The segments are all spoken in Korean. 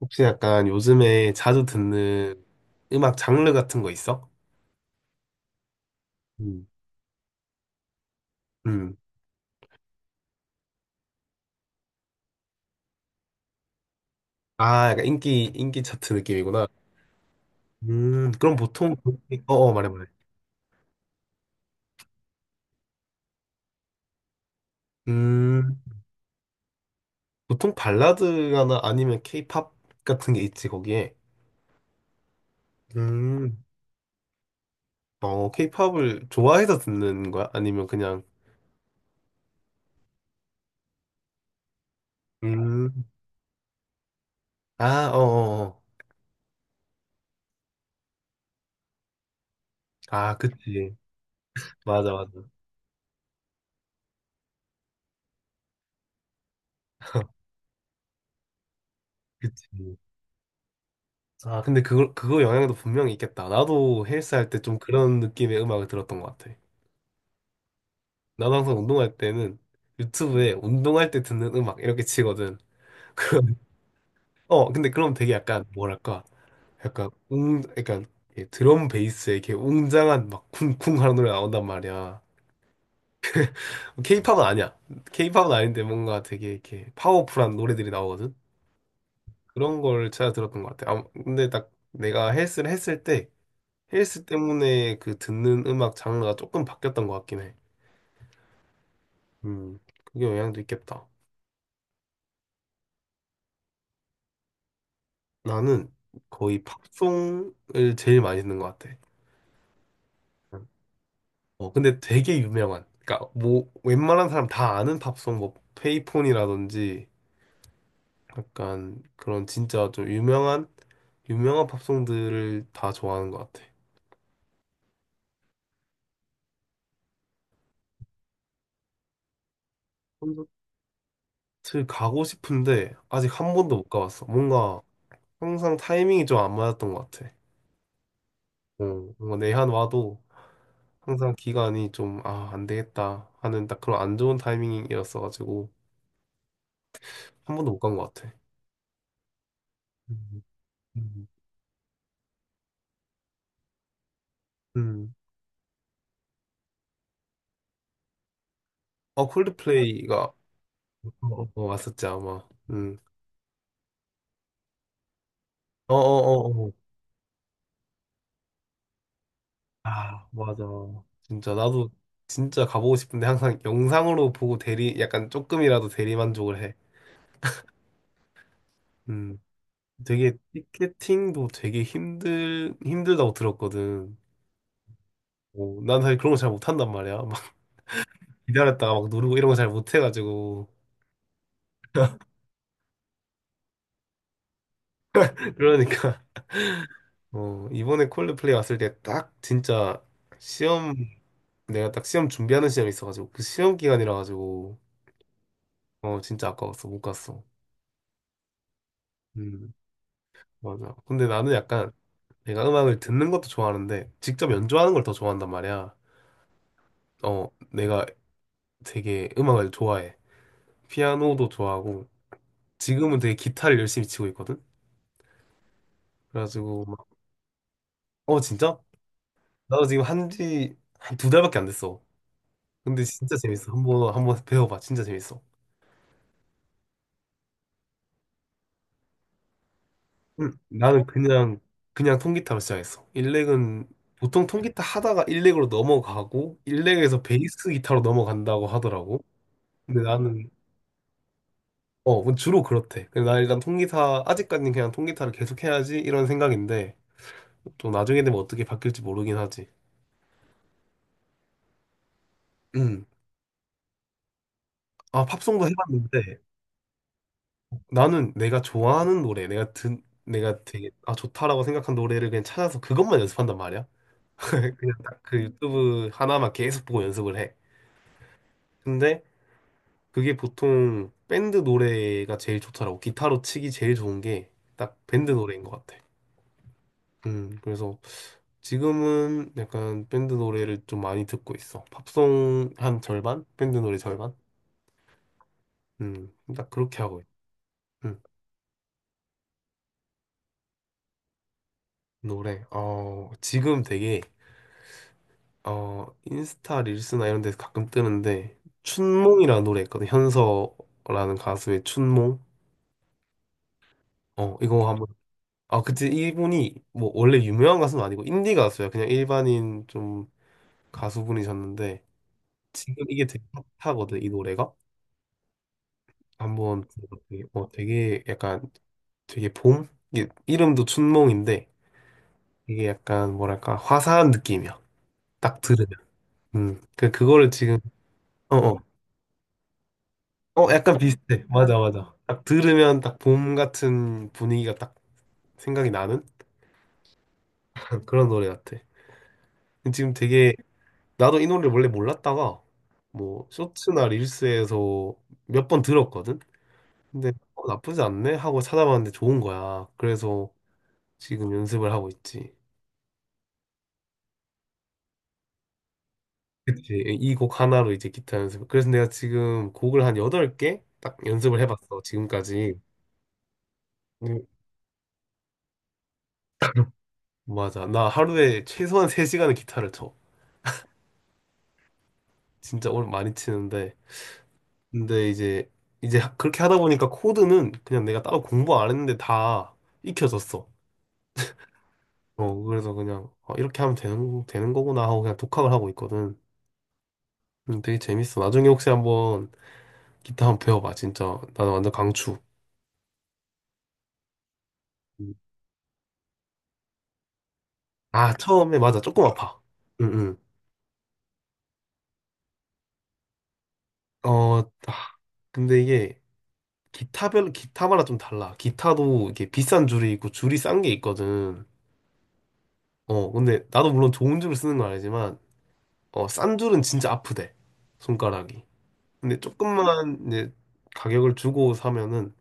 혹시 약간 요즘에 자주 듣는 음악 장르 같은 거 있어? 음. 음. 아, 약간 인기 차트 느낌이구나. 그럼 보통, 어, 어, 말해, 말해. 음, 보통 발라드나 아니면 케이팝 같은 게 있지, 거기에. 음, 어, 케이팝을 좋아해서 듣는 거야? 아니면 그냥, 음, 아, 어, 어, 어. 아, 그치. 맞아, 맞아. 그치. 아, 근데 그거 영향도 분명히 있겠다. 나도 헬스 할 때 좀 그런 느낌의 음악을 들었던 것 같아. 나도 항상 운동할 때는 유튜브에 운동할 때 듣는 음악 이렇게 치거든. 그럼, 어, 근데 그럼 되게 약간 뭐랄까. 약간 웅, 약간 이렇게 드럼 베이스에 이렇게 웅장한 막 쿵쿵 하는 노래 나온단 말이야. 케이팝은 아니야. 케이팝은 아닌데 뭔가 되게 이렇게 파워풀한 노래들이 나오거든. 그런 걸 찾아 들었던 것 같아. 아, 근데 딱 내가 헬스를 했을 때 헬스 때문에 그 듣는 음악 장르가 조금 바뀌었던 것 같긴 해. 그게 영향도 있겠다. 나는 거의 팝송을 제일 많이 듣는 것 같아. 어, 근데 되게 유명한. 그러니까 뭐 웬만한 사람 다 아는 팝송, 뭐 페이폰이라든지 약간 그런 진짜 좀 유명한 팝송들을 다 좋아하는 것 같아. 콘서트 가고 싶은데 아직 한 번도 못 가봤어. 뭔가 항상 타이밍이 좀 안 맞았던 것 같아. 어, 뭔가 내한 와도 항상 기간이 좀, 아, 안 되겠다 하는 딱 그런 안 좋은 타이밍이었어가지고 한 번도 못 간 것 같아. 음, 음. 음. 어, 콜드플레이가 어, 어, 어, 왔었지, 아마. 음. 어어어어. 아, 맞아. 진짜, 나도 진짜 가보고 싶은데 항상 영상으로 보고 대리, 약간 조금이라도 대리만족을 해. 음. 되게 티켓팅도 되게 힘들다고 들었거든. 어, 난 사실 그런 거 잘 못한단 말이야. 기다렸다가 막 누르고 이런 거 잘 못해가지고 그러니까 어 이번에 콜드플레이 왔을 때 딱 진짜 시험 내가 딱 시험 준비하는 시험이 있어가지고 그 시험 기간이라 가지고 어 진짜 아까웠어 못 갔어. 음 맞아. 근데 나는 약간 내가 음악을 듣는 것도 좋아하는데 직접 연주하는 걸 더 좋아한단 말이야. 어 내가 되게 음악을 좋아해. 피아노도 좋아하고 지금은 되게 기타를 열심히 치고 있거든. 그래가지고 막, 어 진짜? 나도 지금 한지 한 두 달밖에 안 됐어. 근데 진짜 재밌어. 한번 한번 배워봐. 진짜 재밌어. 응. 나는 그냥 통기타로 시작했어. 일렉은 보통 통기타 하다가 일렉으로 넘어가고 일렉에서 베이스 기타로 넘어간다고 하더라고. 근데 나는 어 뭐 주로 그렇대. 근데 나 일단 통기타 아직까지는 그냥 통기타를 계속 해야지 이런 생각인데 또 나중에 되면 어떻게 바뀔지 모르긴 하지. 음. 아 팝송도 해봤는데 나는 내가 좋아하는 노래, 내가 되게 아 좋다라고 생각한 노래를 그냥 찾아서 그것만 연습한단 말이야. 그냥 딱 그 유튜브 하나만 계속 보고 연습을 해. 근데 그게 보통 밴드 노래가 제일 좋더라고. 기타로 치기 제일 좋은 게 딱 밴드 노래인 것 같아. 그래서 지금은 약간 밴드 노래를 좀 많이 듣고 있어. 팝송 한 절반? 밴드 노래 절반? 딱 그렇게 하고 있어. 음, 노래. 어, 지금 되게, 어, 인스타 릴스나 이런 데서 가끔 뜨는데, 춘몽이라는 노래 있거든. 현서라는 가수의 춘몽. 어, 이거 한번 아, 그때 이분이 뭐 원래 유명한 가수는 아니고 인디 가수야. 그냥 일반인 좀 가수분이셨는데 지금 이게 되게 핫하거든, 이 노래가. 한번 들어봐. 되게, 어, 되게 약간 되게 봄? 이게 이름도 춘몽인데 이게 약간 뭐랄까 화사한 느낌이야. 딱 들으면. 음. 그 그거를 지금 어, 어. 어, 약간 비슷해. 맞아, 맞아. 딱 들으면 딱 봄 같은 분위기가 딱 생각이 나는 그런 노래 같아. 지금 되게 나도 이 노래를 원래 몰랐다가 뭐 쇼츠나 릴스에서 몇 번 들었거든. 근데 어, 나쁘지 않네 하고 찾아봤는데 좋은 거야. 그래서 지금 연습을 하고 있지. 그치. 이 곡 하나로 이제 기타 연습. 그래서 내가 지금 곡을 한 8개 딱 연습을 해봤어. 지금까지. 음. 맞아. 나 하루에 최소한 3시간은 기타를 쳐. 진짜 오늘 많이 치는데. 근데 그렇게 하다 보니까 코드는 그냥 내가 따로 공부 안 했는데 다 익혀졌어. 어, 그래서 그냥, 아, 이렇게 하면 되는 거구나 하고 그냥 독학을 하고 있거든. 되게 재밌어. 나중에 혹시 한번 기타 한번 배워봐. 진짜. 나는 완전 강추. 음. 아, 처음에 맞아. 조금 아파. 응, 응. 어, 아, 근데 이게 기타마다 좀 달라. 기타도 이게 비싼 줄이 있고 줄이 싼 게 있거든. 어, 근데 나도 물론 좋은 줄을 쓰는 건 아니지만, 어, 싼 줄은 진짜 아프대. 손가락이. 근데 조금만 이제 가격을 주고 사면은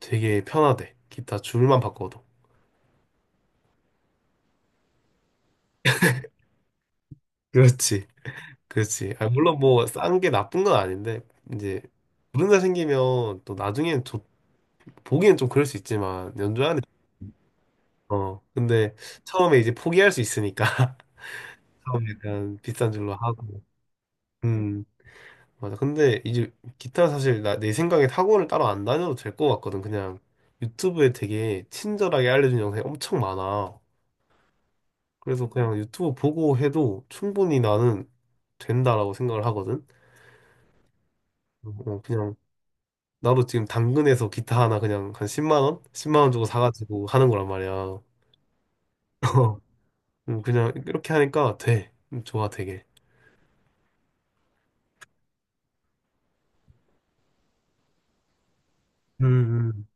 되게 편하대. 기타 줄만 바꿔도. 그렇지, 그렇지. 아, 물론 뭐 싼 게 나쁜 건 아닌데 이제 불륜자 생기면 또 나중에는 좀 보기엔 좀 그럴 수 있지만 연주하는 어 근데 처음에 이제 포기할 수 있으니까 처음에 약간 비싼 줄로 하고 음 맞아. 근데 이제 기타 사실 나 내 생각에 학원을 따로 안 다녀도 될 것 같거든. 그냥 유튜브에 되게 친절하게 알려준 영상이 엄청 많아. 그래서 그냥 유튜브 보고 해도 충분히 나는 된다라고 생각을 하거든. 어, 그냥 나도 지금 당근에서 기타 하나 그냥 한 10만 원? 10만 원 주고 사가지고 하는 거란 말이야. 그냥 이렇게 하니까 돼. 좋아, 되게. 음, 음,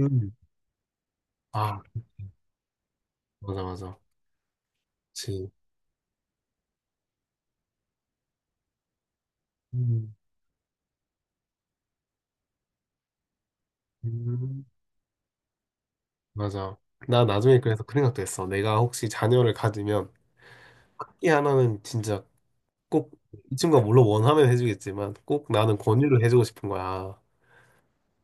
음. 아, 맞아, 맞아. 그치. 음, 음. 맞아. 나 나중에 그래서 그 생각도 했어. 내가 혹시 자녀를 가지면 이 하나는 진짜 꼭 이 친구가 물론 원하면 해주겠지만 꼭 나는 권유를 해주고 싶은 거야.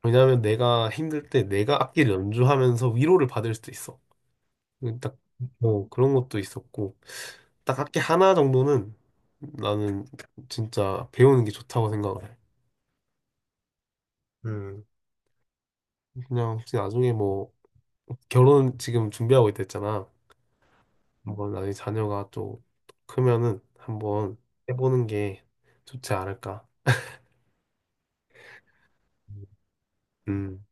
왜냐하면 내가 힘들 때 내가 악기를 연주하면서 위로를 받을 수도 있어. 딱, 뭐, 그런 것도 있었고, 딱 학기 하나 정도는 나는 진짜 배우는 게 좋다고 생각을 해. 음, 그냥 혹시 나중에 뭐, 결혼 지금 준비하고 있다 했잖아. 한번 나중에 자녀가 좀 크면은 한번 해보는 게 좋지 않을까. 음,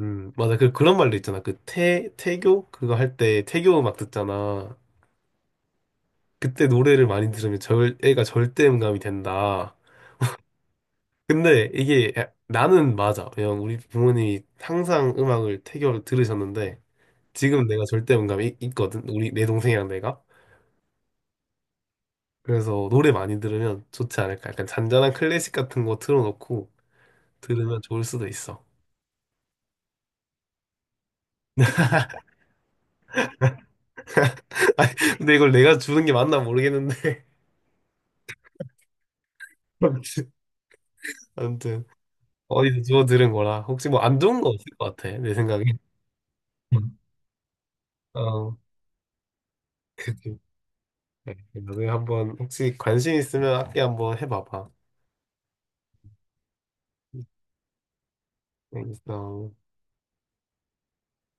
맞아. 그런 말도 있잖아. 그 태교? 그거 할 때 태교 음악 듣잖아. 그때 노래를 많이 들으면 애가 절대음감이 된다. 근데 이게 나는 맞아. 그냥 우리 부모님이 항상 음악을 태교로 들으셨는데 지금 내가 절대음감이 있거든. 우리 내 동생이랑 내가. 그래서 노래 많이 들으면 좋지 않을까. 약간 잔잔한 클래식 같은 거 틀어놓고 들으면 좋을 수도 있어. 아니, 근데 이걸 내가 주는 게 맞나 모르겠는데. 아무튼 아무튼 어디서 주워 들은 거라 혹시 뭐 안 좋은 거 없을 것 같아. 내 생각에. 음. 어, 그치. 네, 나중에 한번 혹시 관심 있으면 악기 한번 해봐봐. 알겠어.